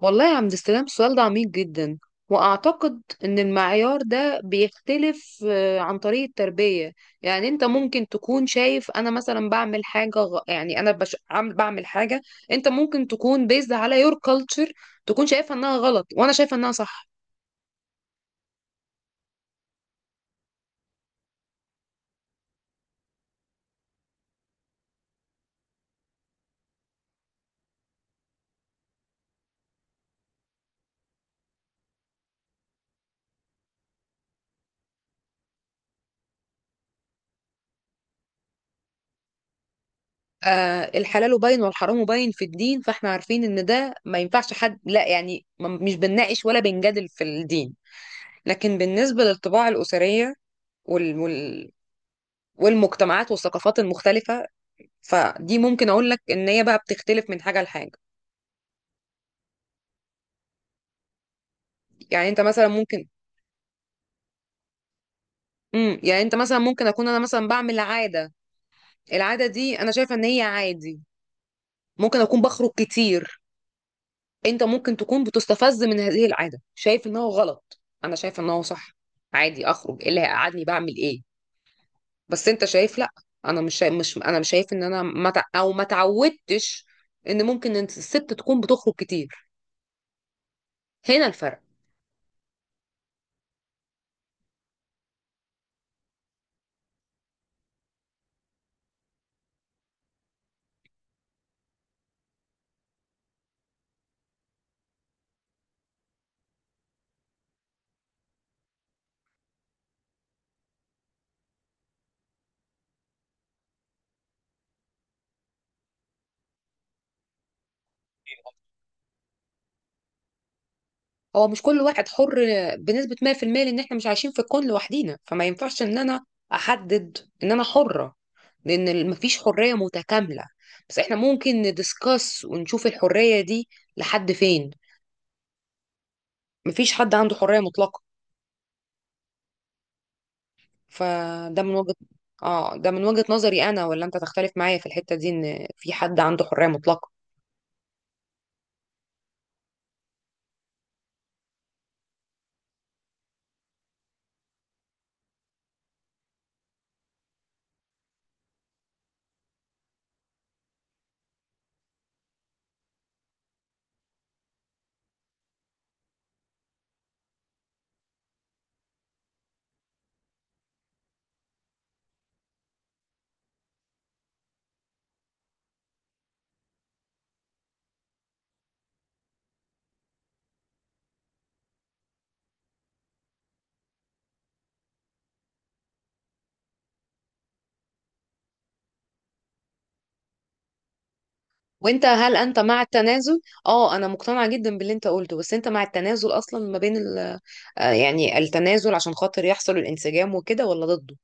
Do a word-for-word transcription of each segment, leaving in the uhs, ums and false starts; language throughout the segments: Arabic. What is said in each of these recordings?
والله يا عبد السلام، السؤال ده عميق جدا. وأعتقد إن المعيار ده بيختلف آه، عن طريق التربية. يعني أنت ممكن تكون شايف أنا مثلا بعمل حاجة غ- يعني أنا بش... عم- بعمل حاجة. أنت ممكن تكون بيزد على يور كلتشر، تكون شايفها إنها غلط وأنا شايفة إنها صح. آه، الحلال باين والحرام باين في الدين، فإحنا عارفين إن ده ما ينفعش. حد لا يعني ما- مش بنناقش ولا بنجادل في الدين، لكن بالنسبة للطباع الأسرية وال... وال... والمجتمعات والثقافات المختلفة، فدي ممكن اقول لك ان هي بقى بتختلف من حاجه لحاجه. يعني انت مثلا ممكن امم يعني انت مثلا ممكن اكون انا مثلا بعمل عاده. العاده دي انا شايفه ان هي عادي، ممكن اكون بخرج كتير. انت ممكن تكون بتستفز من هذه العاده، شايف ان هو غلط انا شايفه ان هو صح. عادي اخرج، ايه اللي هيقعدني؟ بعمل ايه؟ بس انت شايف لا. انا مش شايف مش انا مش شايف ان انا ما تع- او ما تعودتش ان ممكن إن الست تكون بتخرج كتير. هنا الفرق. هو مش كل واحد حر بنسبة مية في المية، لان احنا مش عايشين في الكون لوحدينا، فما ينفعش ان انا احدد ان انا حرة، لان ال- مفيش حرية متكاملة. بس احنا ممكن ندسكس ونشوف الحرية دي لحد فين. مفيش حد عنده حرية مطلقة. فده من وجهة اه، ده من وجهة نظري انا. ولا انت تختلف معايا في الحتة دي ان في حد عنده حرية مطلقة؟ وانت هل انت مع التنازل؟ اه، انا مقتنعه جدا باللي انت قلته، بس انت مع التنازل اصلا ما بين ال... آه، يعني التنازل عشان خاطر يحصل الانسجام وكده، ولا ضده؟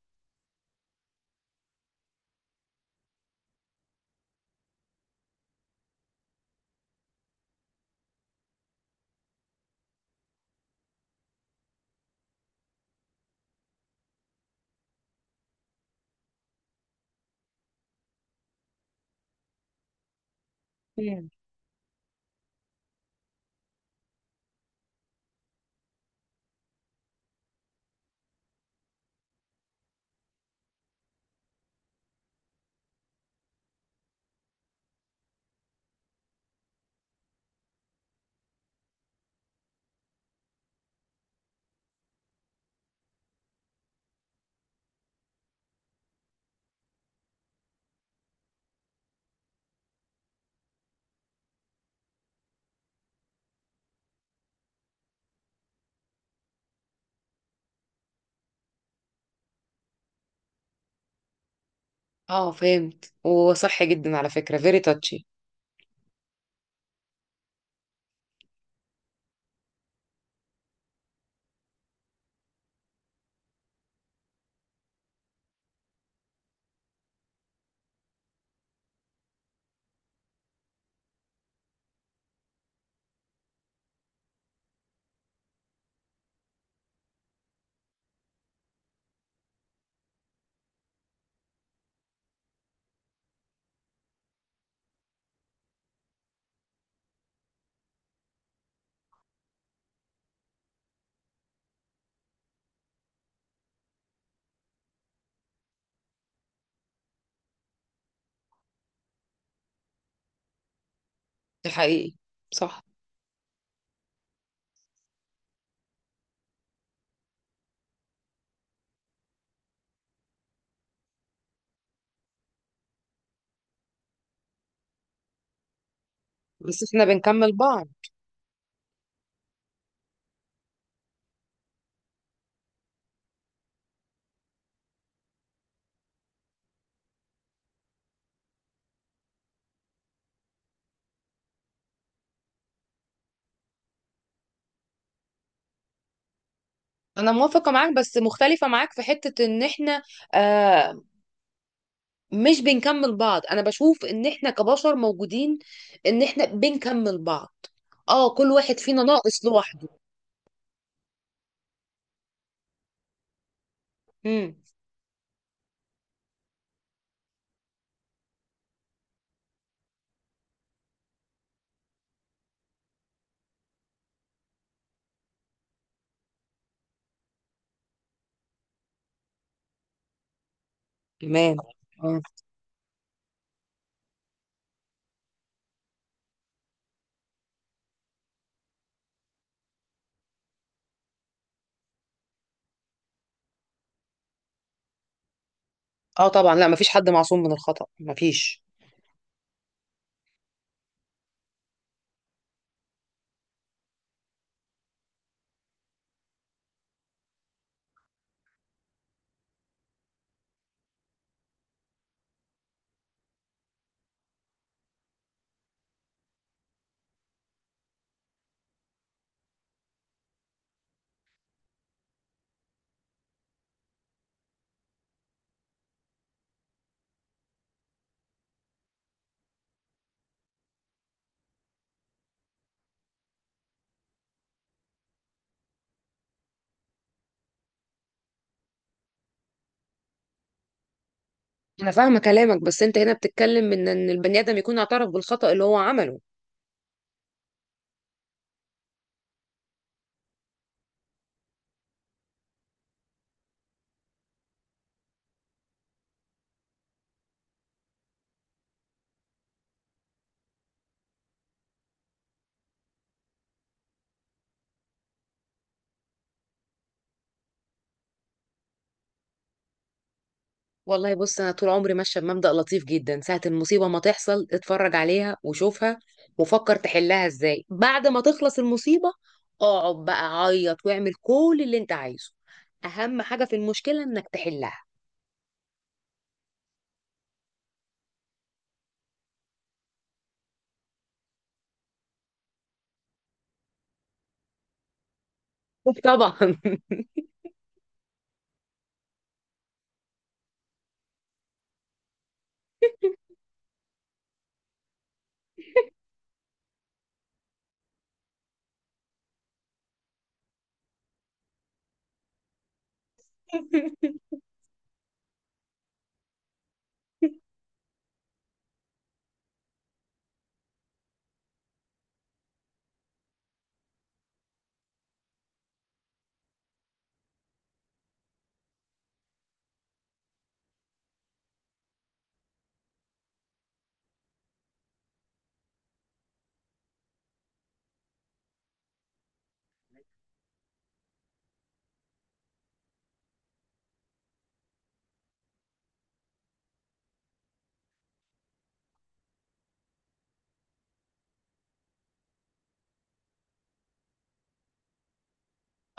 مم. اه، فهمت وصح جدا على فكره، فيري تاتشي. ده حقيقي. صح. بس احنا بنكمل بعض. انا موافقه معاك، بس مختلفه معاك في حته ان احنا آه، مش بنكمل بعض. انا بشوف ان احنا كبشر موجودين ان احنا بنكمل بعض، اه. كل واحد فينا ناقص لوحده. امم. تمام. اه. اه طبعا، لا مفيش حد معصوم من الخطأ، مفيش. انا فاهمه كلامك، بس انت هنا بتتكلم من ان البني ادم يكون اعترف بالخطأ اللي هو عمله. والله بص، انا طول عمري ماشيه بمبدأ لطيف جدا. ساعه المصيبه ما تحصل، اتفرج عليها وشوفها وفكر تحلها ازاي. بعد ما تخلص المصيبه، اقعد بقى عيط واعمل كل اللي انت عايزه. اهم حاجه في المشكله انك تحلها. طبعا.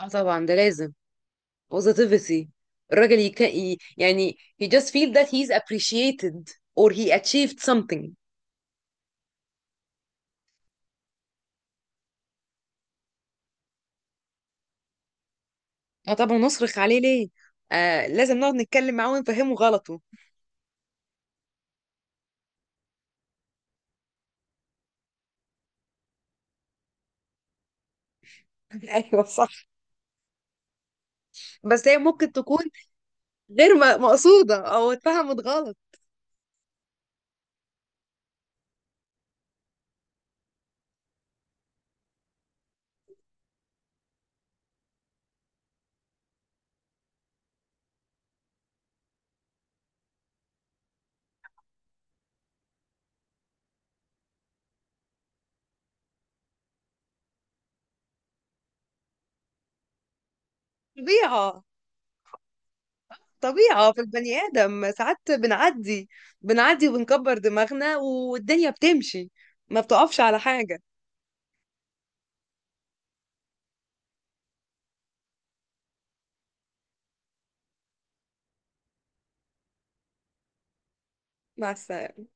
اه طبعا، ده لازم. positivity. الراجل يك... ي- يعني he just feel that he's appreciated or he achieved something. اه طبعا، نصرخ عليه ليه؟ آه، لازم نقعد نتكلم معاه ونفهمه غلطه. ايوه صح. بس هي ممكن تكون غير م- مقصودة او اتفهمت غلط. طبيعة. طبيعة في البني آدم، ساعات بنعدي. بنعدي وبنكبر دماغنا، والدنيا بتمشي، ما بتقفش على حاجة. مع السلامة.